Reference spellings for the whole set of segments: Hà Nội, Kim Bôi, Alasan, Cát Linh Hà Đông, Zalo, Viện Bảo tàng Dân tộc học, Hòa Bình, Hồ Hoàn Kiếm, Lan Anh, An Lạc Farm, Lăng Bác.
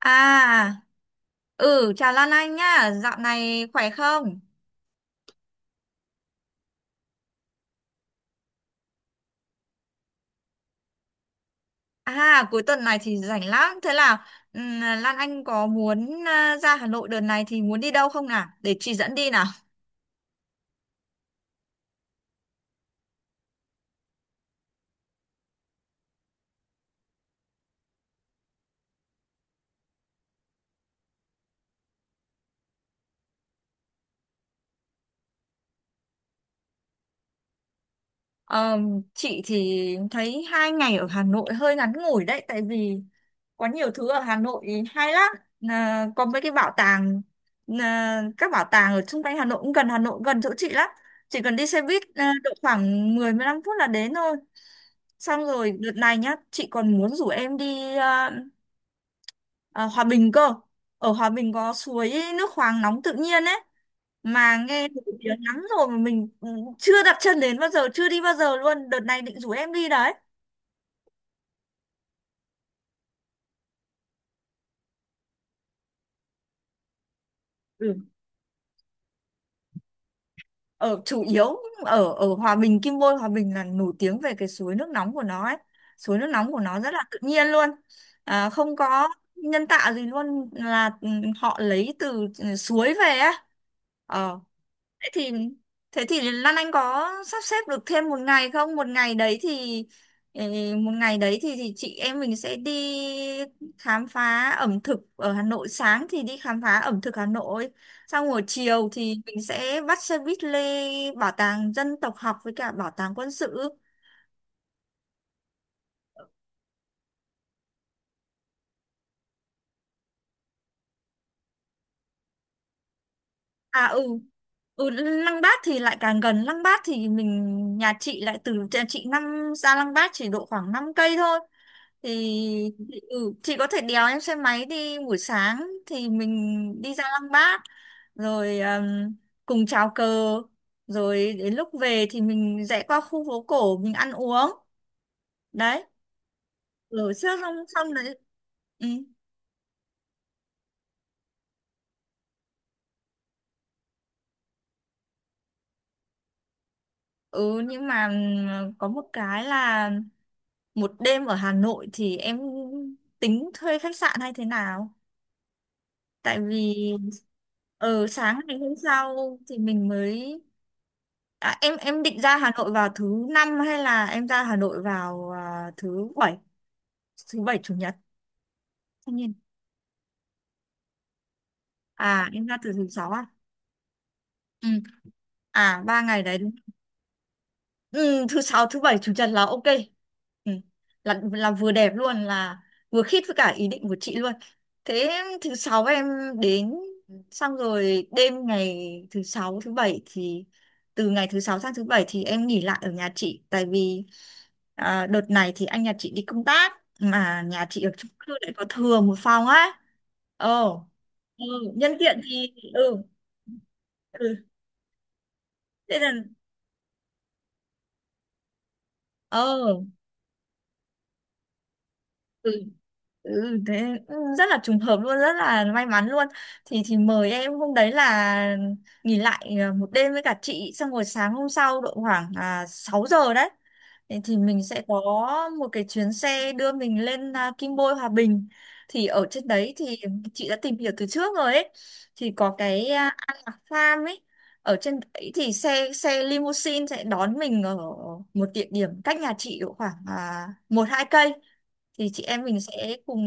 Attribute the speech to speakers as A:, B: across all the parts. A: À, ừ, chào Lan Anh nhá, dạo này khỏe không? À, cuối tuần này thì rảnh lắm, thế là Lan Anh có muốn ra Hà Nội đợt này thì muốn đi đâu không nào? Để chị dẫn đi nào. Ờ, chị thì thấy hai ngày ở Hà Nội hơi ngắn ngủi đấy, tại vì có nhiều thứ ở Hà Nội hay lắm. Có mấy cái bảo tàng, các bảo tàng ở xung quanh Hà Nội cũng gần Hà Nội, gần chỗ chị lắm, chỉ cần đi xe buýt độ khoảng mười, mười lăm phút là đến thôi. Xong rồi đợt này nhá, chị còn muốn rủ em đi Hòa Bình cơ. Ở Hòa Bình có suối nước khoáng nóng tự nhiên ấy, mà nghe nổi tiếng lắm rồi, mà mình chưa đặt chân đến bao giờ, chưa đi bao giờ luôn, đợt này định rủ em đi đấy. Ừ. ở chủ yếu ở ở Hòa Bình, Kim Bôi Hòa Bình là nổi tiếng về cái suối nước nóng của nó ấy, suối nước nóng của nó rất là tự nhiên luôn, không có nhân tạo gì luôn, là họ lấy từ suối về ấy. Ờ. Thế thì thế thì Lan Anh có sắp xếp được thêm một ngày không? Một ngày đấy thì ừ, một ngày đấy thì, chị em mình sẽ đi khám phá ẩm thực ở Hà Nội, sáng thì đi khám phá ẩm thực Hà Nội, xong rồi chiều thì mình sẽ bắt xe buýt lên bảo tàng dân tộc học với cả bảo tàng quân sự. À, ừ. Ừ, Lăng Bác thì lại càng gần. Lăng Bác thì mình, nhà chị lại từ nhà chị năm ra Lăng Bác chỉ độ khoảng 5 cây thôi, thì chị có thể đèo em xe máy đi. Buổi sáng thì mình đi ra Lăng Bác rồi cùng chào cờ, rồi đến lúc về thì mình rẽ qua khu phố cổ mình ăn uống đấy, rồi trước xong xong đấy. Ừ. Ừ nhưng mà có một cái là một đêm ở Hà Nội thì em tính thuê khách sạn hay thế nào? Tại vì ở sáng ngày hôm sau thì mình mới, em định ra Hà Nội vào thứ năm hay là em ra Hà Nội vào thứ bảy? Thứ bảy chủ nhật tất nhiên. À, em ra từ thứ sáu à? Ừ. À, ba ngày đấy. Ừ, thứ sáu thứ bảy chủ nhật là ok. Ừ. là vừa đẹp luôn, là vừa khít với cả ý định của chị luôn. Thế thứ sáu em đến, xong rồi đêm ngày thứ sáu thứ bảy thì, từ ngày thứ sáu sang thứ bảy thì em nghỉ lại ở nhà chị. Tại vì đợt này thì anh nhà chị đi công tác, mà nhà chị ở chung cư lại có thừa một phòng á. Ồ. Ừ. Nhân tiện thì ừ thế là. ờ ừ. Ừ, thế rất là trùng hợp luôn, rất là may mắn luôn. Thì mời em hôm đấy là nghỉ lại một đêm với cả chị, xong rồi sáng hôm sau độ khoảng 6 giờ đấy thì mình sẽ có một cái chuyến xe đưa mình lên Kim Bôi Hòa Bình. Thì ở trên đấy thì chị đã tìm hiểu từ trước rồi ấy, thì có cái An Lạc Farm ấy. Ở trên đấy thì xe xe limousine sẽ đón mình ở một địa điểm cách nhà chị độ khoảng một hai cây, thì chị em mình sẽ cùng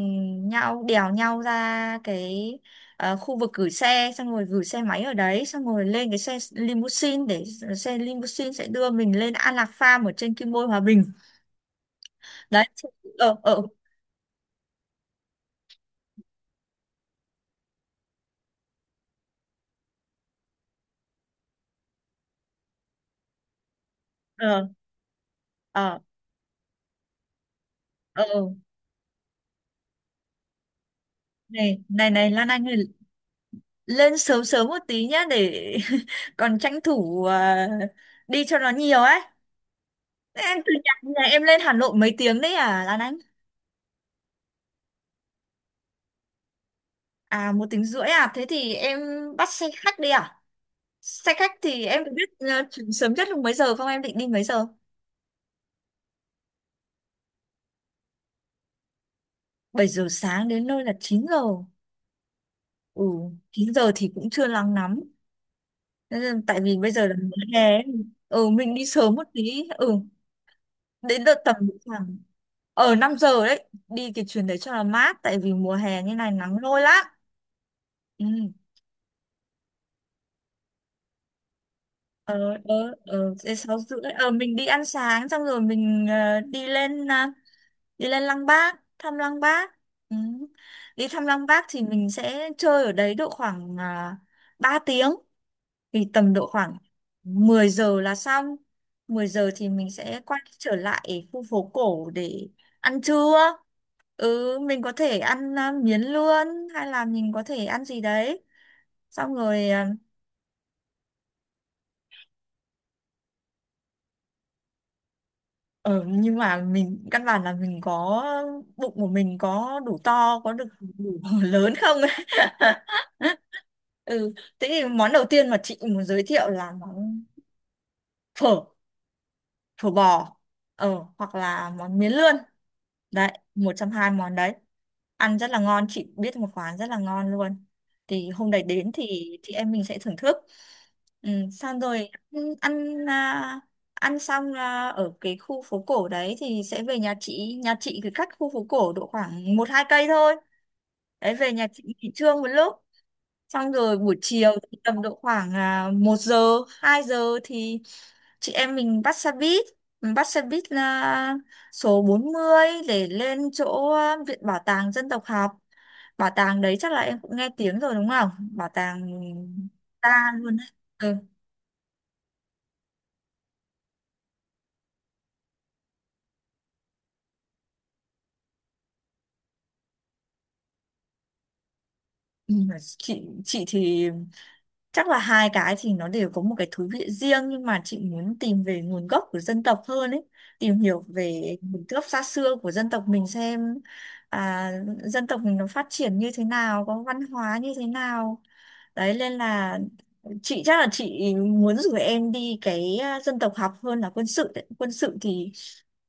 A: nhau đèo nhau ra cái khu vực gửi xe, xong rồi gửi xe máy ở đấy, xong rồi lên cái xe limousine để xe limousine sẽ đưa mình lên An Lạc Farm ở trên Kim Bôi Hòa Bình đấy. Ờ ờ ờ ờ ờ Này này này Lan Anh ơi, lên sớm sớm một tí nhá để còn tranh thủ đi cho nó nhiều ấy. Em từ nhà, nhà em lên Hà Nội mấy tiếng đấy à Lan Anh? À, 1 tiếng rưỡi à? Thế thì em bắt xe khách đi à? Xe khách thì em có biết sớm nhất lúc mấy giờ không? Em định đi mấy giờ? 7 giờ sáng đến nơi là 9 giờ. Ừ, 9 giờ thì cũng chưa nắng lắm. Tại vì bây giờ là mùa hè ấy. Ừ, mình đi sớm một tí. Ừ, đến đợt tầm khoảng ở 5 giờ đấy. Đi cái chuyến đấy cho là mát. Tại vì mùa hè như này nắng lôi lắm. Ừ. Ờ Thế 6 rưỡi, mình đi ăn sáng xong rồi mình đi lên Lăng Bác thăm Lăng Bác. Ừ. Đi thăm Lăng Bác thì mình sẽ chơi ở đấy độ khoảng 3 tiếng, thì tầm độ khoảng 10 giờ là xong. 10 giờ thì mình sẽ quay trở lại khu phố cổ để ăn trưa. Ừ, mình có thể ăn miến lươn hay là mình có thể ăn gì đấy xong rồi. Ờ, Ờ, nhưng mà mình căn bản là mình có, bụng của mình có đủ to, có được đủ lớn không ấy. ừ thế thì món đầu tiên mà chị muốn giới thiệu là món phở, phở bò, hoặc là món miến lươn. Đấy, một trong hai món đấy. Ăn rất là ngon, chị biết một quán rất là ngon luôn. Thì hôm đấy đến thì chị em mình sẽ thưởng thức. Ừ, xong rồi ăn ăn, à, ăn xong ở cái khu phố cổ đấy thì sẽ về nhà chị. Nhà chị thì cách khu phố cổ độ khoảng một hai cây thôi. Đấy, về nhà chị nghỉ trưa một lúc, xong rồi buổi chiều thì tầm độ khoảng 1 giờ 2 giờ thì chị em mình bắt xe buýt. Mình bắt xe buýt là số 40 để lên chỗ Viện Bảo tàng Dân tộc học. Bảo tàng đấy chắc là em cũng nghe tiếng rồi đúng không, bảo tàng ta luôn đấy. Ừ. Ừ, chị chị thì chắc là hai cái thì nó đều có một cái thú vị riêng, nhưng mà chị muốn tìm về nguồn gốc của dân tộc hơn ấy, tìm hiểu về nguồn gốc xa xưa của dân tộc mình xem à, dân tộc mình nó phát triển như thế nào, có văn hóa như thế nào. Đấy nên là chị chắc là chị muốn rủ em đi cái dân tộc học hơn là quân sự đấy. Quân sự thì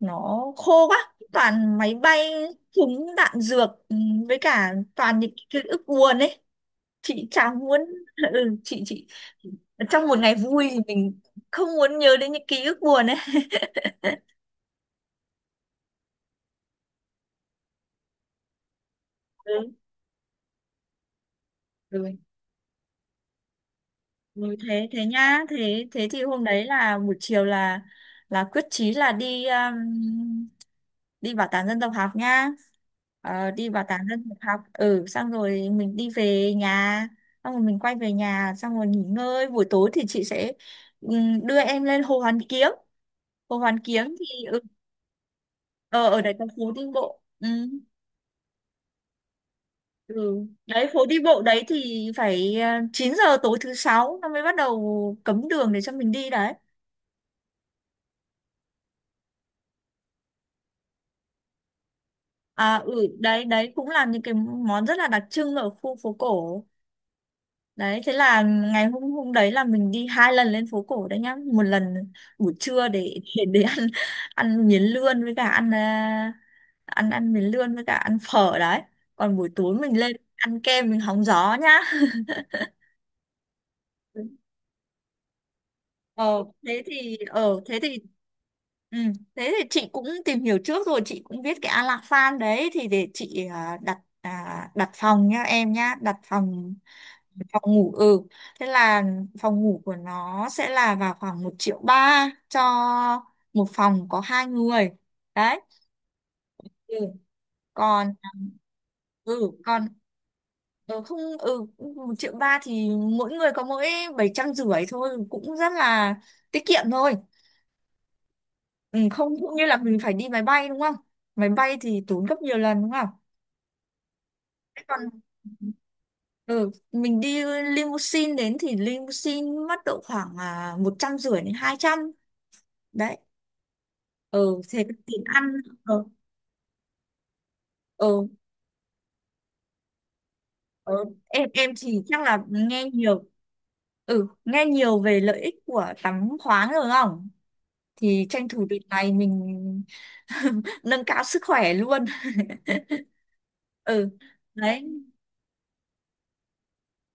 A: nó khô quá, toàn máy bay, súng đạn dược, với cả toàn những ký ức buồn ấy, chị chẳng muốn chị trong một ngày vui thì mình không muốn nhớ đến những ký ức buồn ấy. Ừ. Ừ. Ừ, thế thế nhá, thế thế thì hôm đấy là buổi chiều là quyết chí là đi, đi bảo tàng dân tộc học nhá. Ờ, đi bảo tàng dân tộc học. Ừ, xong rồi mình đi về nhà, xong rồi mình quay về nhà xong rồi nghỉ ngơi. Buổi tối thì chị sẽ đưa em lên Hồ Hoàn Kiếm. Hồ Hoàn Kiếm thì ờ, ở đấy có phố đi bộ. Ừ. Ừ. Đấy, phố đi bộ đấy thì phải 9 giờ tối thứ sáu nó mới bắt đầu cấm đường để cho mình đi đấy. À, đấy đấy cũng là những cái món rất là đặc trưng ở khu phố cổ đấy. Thế là ngày hôm hôm đấy là mình đi hai lần lên phố cổ đấy nhá, một lần buổi trưa để để ăn ăn miến lươn với cả ăn, à, ăn ăn miến lươn với cả ăn phở đấy, còn buổi tối mình lên ăn kem, mình hóng gió nhá. Ờ, ờ thế thì ừ, thế thì chị cũng tìm hiểu trước rồi, chị cũng biết cái Alasan đấy, thì để chị đặt phòng nhá em, nhá đặt phòng, phòng ngủ. Ừ Thế là phòng ngủ của nó sẽ là vào khoảng 1,3 triệu cho một phòng có hai người đấy. Ừ. Còn ừ còn không 1,3 triệu thì mỗi người có mỗi 750 nghìn thôi, cũng rất là tiết kiệm thôi. Ừ, Không cũng như là mình phải đi máy bay đúng không, máy bay thì tốn gấp nhiều lần đúng không. Thế còn ừ, mình đi limousine đến thì limousine mất độ khoảng 150 nghìn đến 200 nghìn đấy. Ừ Thế tiền ăn. ờ ừ, Ờ, em thì chắc là nghe nhiều, nghe nhiều về lợi ích của tắm khoáng rồi không? Thì tranh thủ đợt này mình nâng cao sức khỏe luôn. Ừ. Đấy.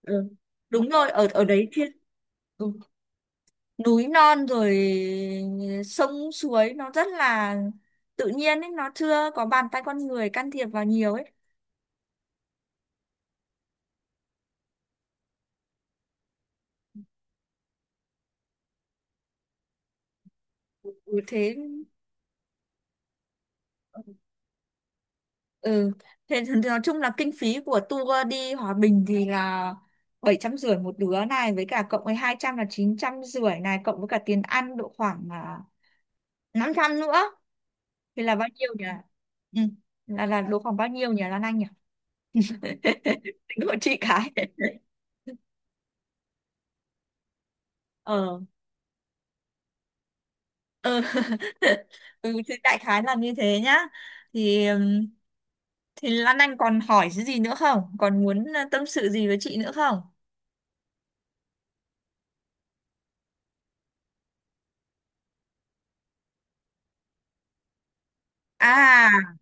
A: Ừ. Đúng rồi, ở ở đấy thiên. Ừ. Núi non rồi, sông suối nó rất là tự nhiên ấy, nó chưa có bàn tay con người can thiệp vào nhiều ấy. ừ, thế ừ Thế thì nói chung là kinh phí của tour đi Hòa Bình thì là 750 nghìn một đứa này, với cả cộng với 200 nghìn là 950 nghìn này, cộng với cả tiền ăn độ khoảng 500 nghìn nữa, thì là bao nhiêu nhỉ? Ừ. là độ khoảng bao nhiêu nhỉ Lan Anh nhỉ? Tính của chị cái. ờ ừ. Ừ thì đại khái là như thế nhá. Thì Lan Anh còn hỏi cái gì nữa không, còn muốn tâm sự gì với chị nữa không? à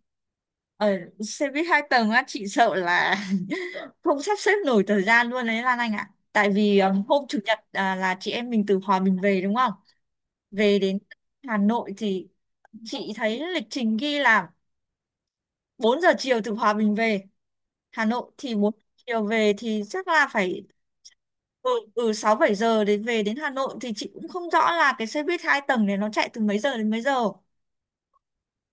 A: ở xe buýt hai tầng á, chị sợ là không sắp xếp nổi thời gian luôn đấy Lan Anh ạ, tại vì hôm chủ nhật là chị em mình từ Hòa Bình về đúng không, về đến Hà Nội thì chị thấy lịch trình ghi là 4 giờ chiều từ Hòa Bình về Hà Nội, thì 4 giờ chiều về thì chắc là phải 6 7 giờ để về đến Hà Nội. Thì chị cũng không rõ là cái xe buýt hai tầng này nó chạy từ mấy giờ đến mấy giờ,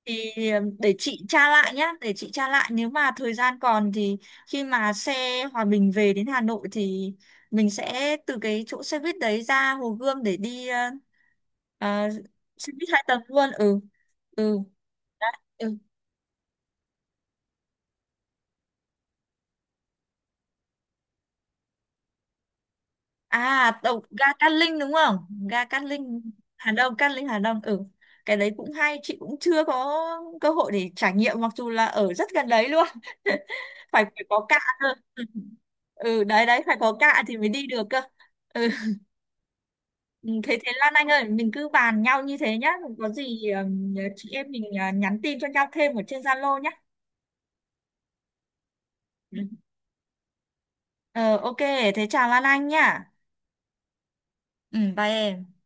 A: thì để chị tra lại nhá, để chị tra lại. Nếu mà thời gian còn thì khi mà xe Hòa Bình về đến Hà Nội thì mình sẽ từ cái chỗ xe buýt đấy ra Hồ Gươm để đi ờ, xe buýt hai tầng luôn. Ừ. Ừ. Đấy. Ừ. Tàu ga Cát Linh đúng không? Ga Cát Linh Hà Đông, Cát Linh Hà Đông. Ừ, cái đấy cũng hay, chị cũng chưa có cơ hội để trải nghiệm, mặc dù là ở rất gần đấy luôn phải phải có cạ cơ. Ừ. Ừ, đấy đấy phải có cạ thì mới đi được cơ. Ừ. Ừ, thế thế Lan Anh ơi, mình cứ bàn nhau như thế nhá, có gì chị em mình nhắn tin cho nhau thêm ở trên Zalo nhá. Ừ. ờ ok thế chào Lan Anh nhá. Ừ bye em.